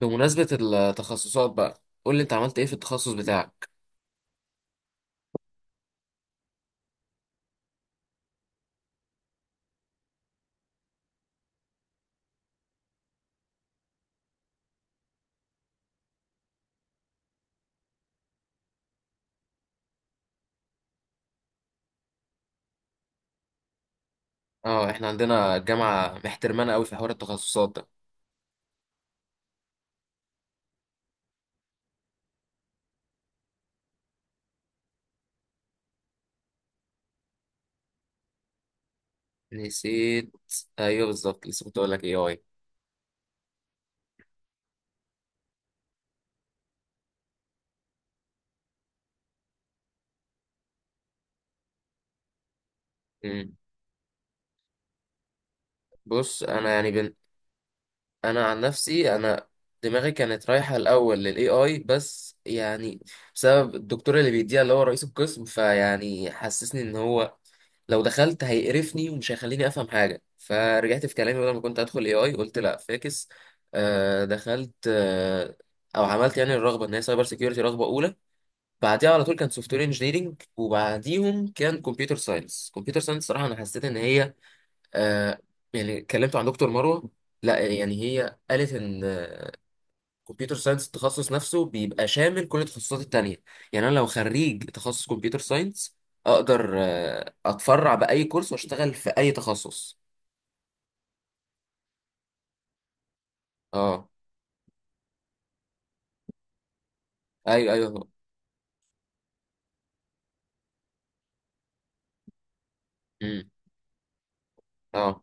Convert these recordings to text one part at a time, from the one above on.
بمناسبة التخصصات بقى قول لي انت عملت ايه في التخصص بتاعك. اه، احنا عندنا الجامعة محترمانة قوي في حوار التخصصات ده. نسيت. ايوه بالظبط، لسه كنت اقول لك ايه اي. مم. بص، انا انا عن نفسي، انا دماغي كانت رايحة الاول للاي اي، بس يعني بسبب الدكتور اللي بيديها، اللي هو رئيس القسم، فيعني حسسني ان هو لو دخلت هيقرفني ومش هيخليني افهم حاجه، فرجعت في كلامي. بدل ما كنت ادخل اي اي قلت لا فاكس. آه دخلت، آه او عملت يعني الرغبه ان هي سايبر سيكيورتي رغبه اولى، بعديها على طول كان سوفت وير انجينيرنج، وبعديهم كان كمبيوتر ساينس. كمبيوتر ساينس صراحه انا حسيت ان هي آه، يعني كلمت عن دكتور مروه، لا يعني هي قالت ان كمبيوتر ساينس التخصص نفسه بيبقى شامل كل التخصصات التانية. يعني انا لو خريج تخصص كمبيوتر ساينس اقدر اتفرع باي كورس واشتغل في اي تخصص. اه. ايوه ايوه. امم. اه،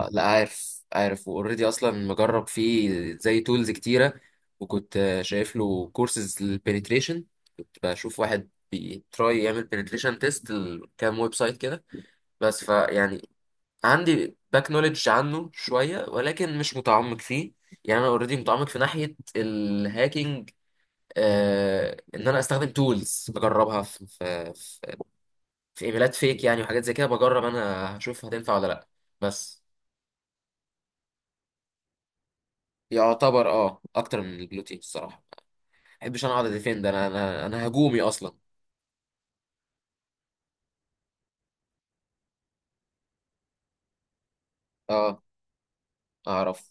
لا عارف عارف، واوريدي اصلا مجرب فيه زي تولز كتيره. وكنت شايف له كورسز للبنتريشن، كنت بشوف واحد بيتراي يعمل بنتريشن تيست لكام ويب سايت كده. بس فيعني عندي باك نوليدج عنه شوية، ولكن مش متعمق فيه. يعني انا اوريدي متعمق في ناحية الهاكينج، آه ان انا استخدم تولز بجربها في ايميلات فيك يعني، وحاجات زي كده بجرب انا هشوف هتنفع ولا لا. بس يعتبر اه اكتر من البلو تيم الصراحة. ما بحبش انا اقعد اديفند، انا هجومي اصلا. اه، اعرف.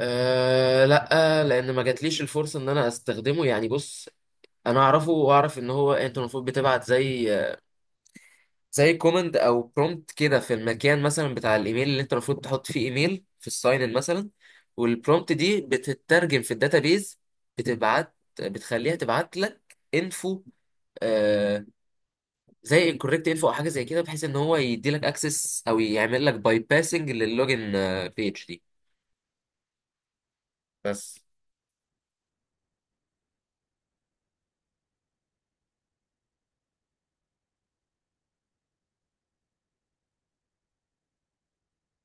أه لا، لان ما جاتليش الفرصه ان انا استخدمه. يعني بص، انا اعرفه واعرف ان هو انت المفروض بتبعت زي كومند او برومبت كده، في المكان مثلا بتاع الايميل اللي انت المفروض تحط فيه ايميل، في الساين ان مثلا. والبرومبت دي بتترجم في الداتابيز، بتبعت بتخليها تبعت لك انفو، آه زي انكوركت انفو او حاجه زي كده، بحيث ان هو يدي لك اكسس او يعمل لك باي باسنج للوجن بيج دي. بس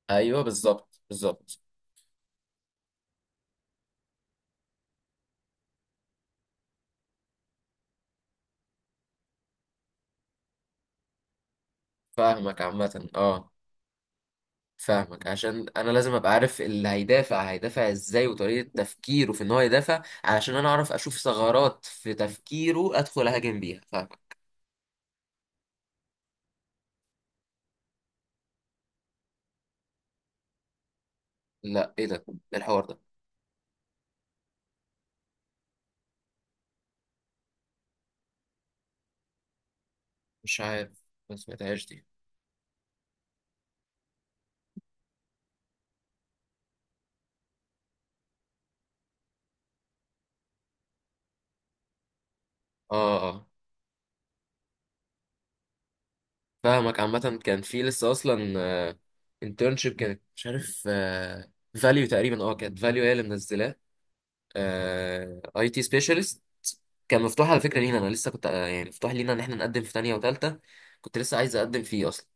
ايوه بالظبط بالظبط. فاهمك عامه، اه فاهمك. عشان انا لازم ابقى عارف اللي هيدافع هيدافع ازاي، وطريقة تفكيره في ان هو يدافع، علشان انا اعرف اشوف ثغرات في تفكيره ادخل اهاجم بيها. فاهمك. لا، ايه ده؟ إيه الحوار ده؟ مش عارف. ما سمعتهاش دي. اه اه فاهمك. عامة كان في لسه اصلا انترنشيب، كانت مش عارف فاليو تقريبا، اه كانت فاليو هي اللي منزلاه، اي تي سبيشالست. كان مفتوح على فكرة لينا، انا لسه كنت يعني مفتوح لينا ان احنا نقدم في تانية وتالتة، كنت لسه عايز اقدم فيه اصلا.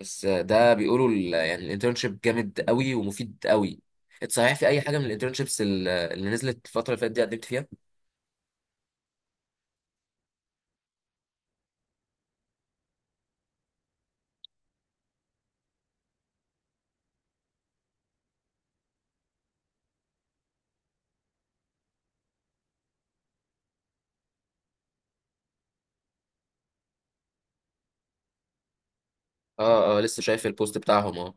بس ده بيقولوا يعني الانترنشيب جامد قوي ومفيد قوي. انت صحيح في اي حاجة من الانترنشيبس اللي نزلت الفترة اللي فاتت دي قدمت فيها؟ اه اه، لسه شايف البوست بتاعهم، اه.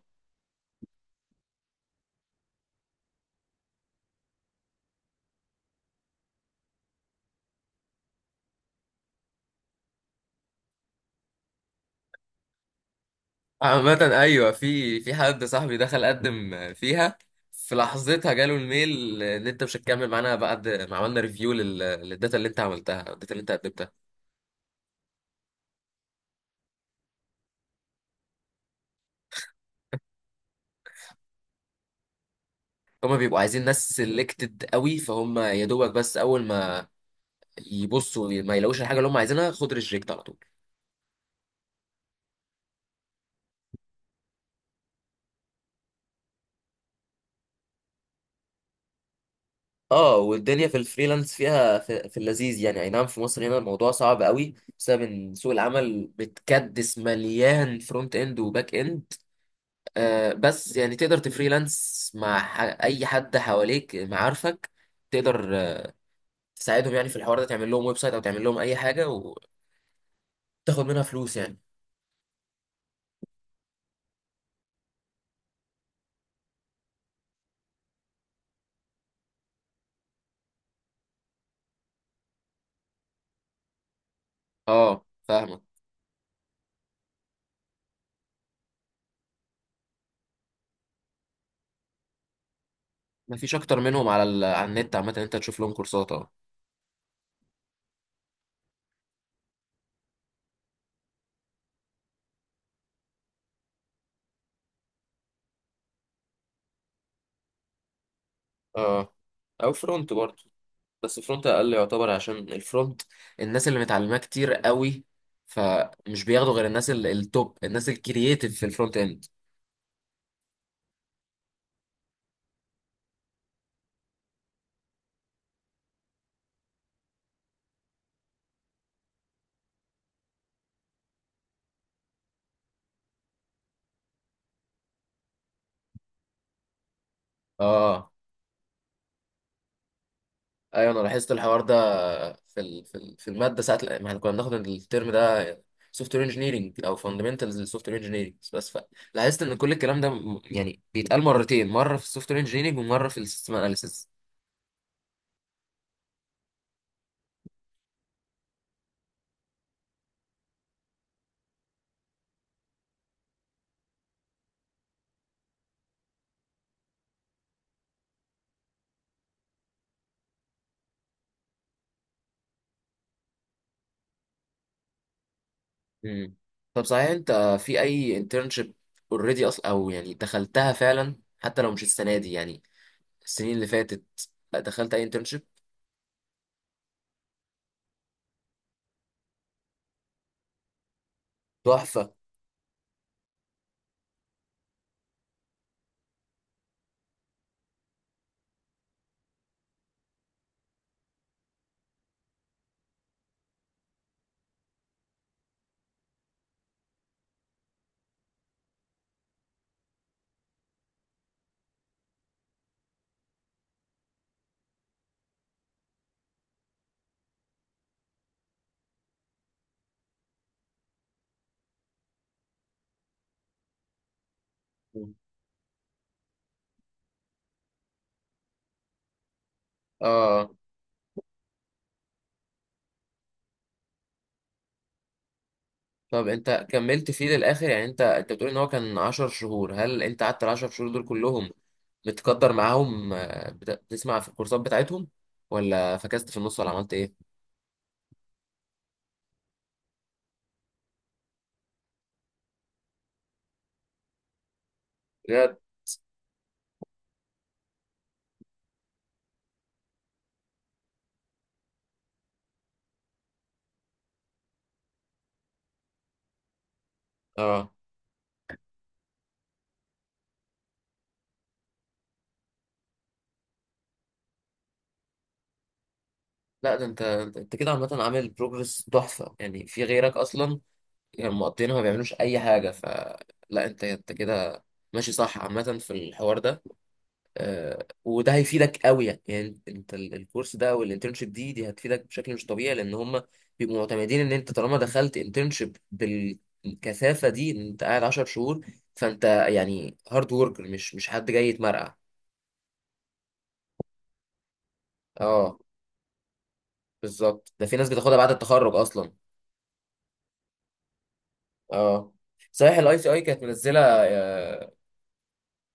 عامة ايوه، في حد صاحبي دخل قدم فيها، في لحظتها جاله الميل ان انت مش هتكمل معانا بعد ما عملنا ريفيو للداتا اللي انت عملتها، الداتا اللي انت قدمتها. هما بيبقوا عايزين ناس سيلكتد قوي، فهم يا دوبك بس اول ما يبصوا ما يلاقوش الحاجه اللي هم عايزينها، خد ريجكت على طول. اه، والدنيا في الفريلانس فيها في اللذيذ، يعني اي نعم في مصر هنا الموضوع صعب قوي بسبب ان سوق العمل متكدس مليان فرونت اند وباك اند. آه بس يعني تقدر تفريلانس مع اي حد حواليك، معارفك تقدر تساعدهم يعني في الحوار ده، تعمل لهم ويب سايت او تعمل لهم اي حاجه وتاخد منها فلوس يعني. اه فاهمك. مفيش اكتر منهم على ال... على النت. عامه انت تشوف لهم كورسات، اه. اه او فرونت برضه. بس فرونت اقل يعتبر، عشان الفرونت الناس اللي متعلماه كتير قوي، فمش بياخدوا غير الناس التوب، الناس الكرييتيف في الفرونت اند. اه ايوه انا لاحظت الحوار ده، في الماده ساعه ما احنا كنا بناخد الترم ده سوفت وير انجينيرنج او فاندمنتالز للسوفت وير انجينيرنج بس. فلاحظت ان كل الكلام ده يعني بيتقال مرتين، مره في السوفت وير انجينيرنج ومره في السيستم اناليسيس. مم. طب صحيح انت في اي انترنشيب اوريدي اصلا، او يعني دخلتها فعلا حتى لو مش السنه دي يعني، السنين اللي فاتت دخلت اي انترنشيب؟ تحفه. مم. اه طب انت كملت فيه للاخر؟ يعني انت بتقول ان هو كان 10 شهور، هل انت قعدت ال 10 شهور دول كلهم متقدر معاهم، بتسمع في الكورسات بتاعتهم، ولا فكست في النص، ولا عملت ايه؟ بجد. اه لا، ده انت كده عامه عامل بروجرس تحفه يعني، في غيرك اصلا يعني مقضينها، ما بيعملوش اي حاجه. فلا، انت كده ماشي صح عامه في الحوار ده. وده هيفيدك قوي يعني. يعني انت الكورس ده والانترنشيب دي هتفيدك بشكل مش طبيعي، لان هم بيبقوا معتمدين ان انت طالما دخلت انترنشيب بالكثافه دي، ان انت قاعد 10 شهور، فانت يعني هارد وركر، مش حد جاي يتمرقع. اه بالظبط، ده في ناس بتاخدها بعد التخرج اصلا. اه صحيح، الاي سي اي كانت منزله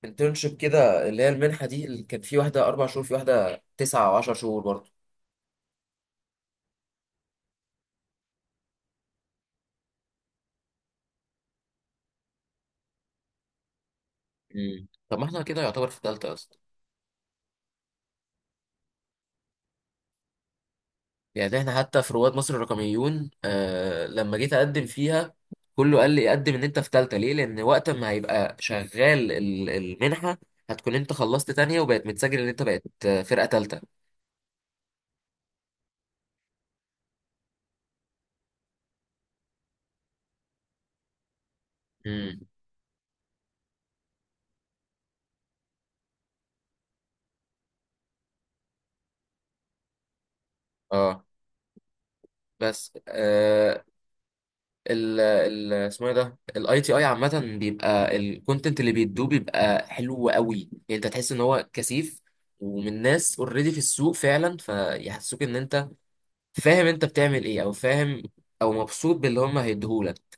انترنشيب كده، اللي هي المنحه دي، اللي كان في واحده اربع شهور، في واحده تسعه او 10 شهور برضه. مم. طب ما احنا كده يعتبر في ثالثه اصلا. يعني احنا حتى في رواد مصر الرقميون، آه لما جيت اقدم فيها كله قال لي قدم ان انت في تالتة، ليه؟ لان وقت ما هيبقى شغال المنحة هتكون انت خلصت تانية، وبقت متسجل ان انت بقت فرقة تالتة. امم. اه. بس آه، ال اسمه ايه ده، الاي تي اي، عامة بيبقى الكونتنت اللي بيدوه بيبقى حلو قوي، يعني انت تحس ان هو كثيف، ومن ناس اوريدي في السوق فعلا، فيحسسوك ان انت فاهم انت بتعمل ايه، او فاهم، او مبسوط باللي هم هيديهولك.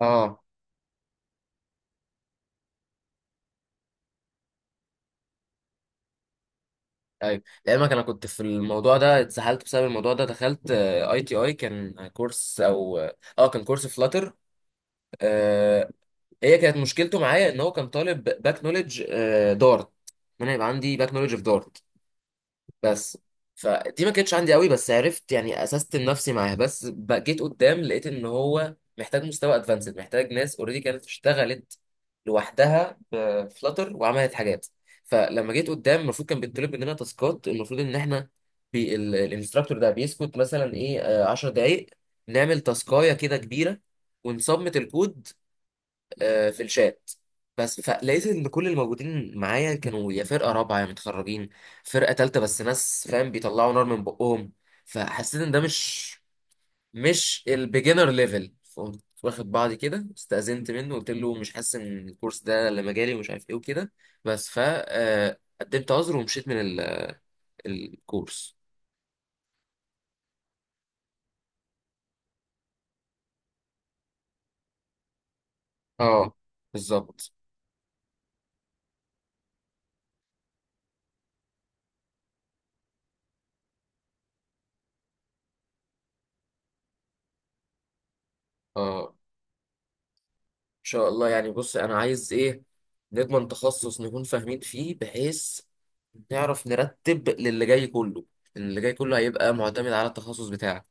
اه ايوه لعلمك، انا كنت في الموضوع ده اتسحلت بسبب الموضوع ده. دخلت اي تي اي كان كورس او اه كان كورس فلاتر، آه هي كانت مشكلته معايا ان هو كان طالب باك نولج، آه دارت، ان انا يبقى عندي باك نولج في دارت، بس فدي ما كانتش عندي قوي، بس عرفت يعني اسست نفسي معاها، بس بقى جيت قدام لقيت ان هو محتاج مستوى ادفانسد، محتاج ناس اوريدي كانت اشتغلت لوحدها بفلاتر وعملت حاجات. فلما جيت قدام المفروض كان بيطلب مننا تاسكات، المفروض ان احنا الانستراكتور ده بيسكت مثلا ايه 10 دقايق نعمل تاسكايه كده كبيره ونسبمت الكود في الشات. بس فلقيت ان كل الموجودين معايا كانوا يا فرقه رابعه، يا متخرجين، فرقه تالته بس ناس فاهم بيطلعوا نار من بقهم. فحسيت ان ده مش مش البيجنر ليفل، فقمت واخد بعضي كده، استأذنت منه قلت له مش حاسس ان الكورس ده اللي مجالي ومش عارف ايه وكده. بس ف قدمت عذر ومشيت من الكورس. اه بالظبط. اه شاء الله يعني. بص انا عايز ايه؟ نضمن تخصص نكون فاهمين فيه، بحيث نعرف نرتب للي جاي كله، لأن اللي جاي كله هيبقى معتمد على التخصص بتاعك.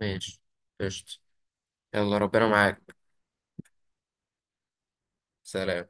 ماشي، قشطة. يلا ربنا معاك. سلام.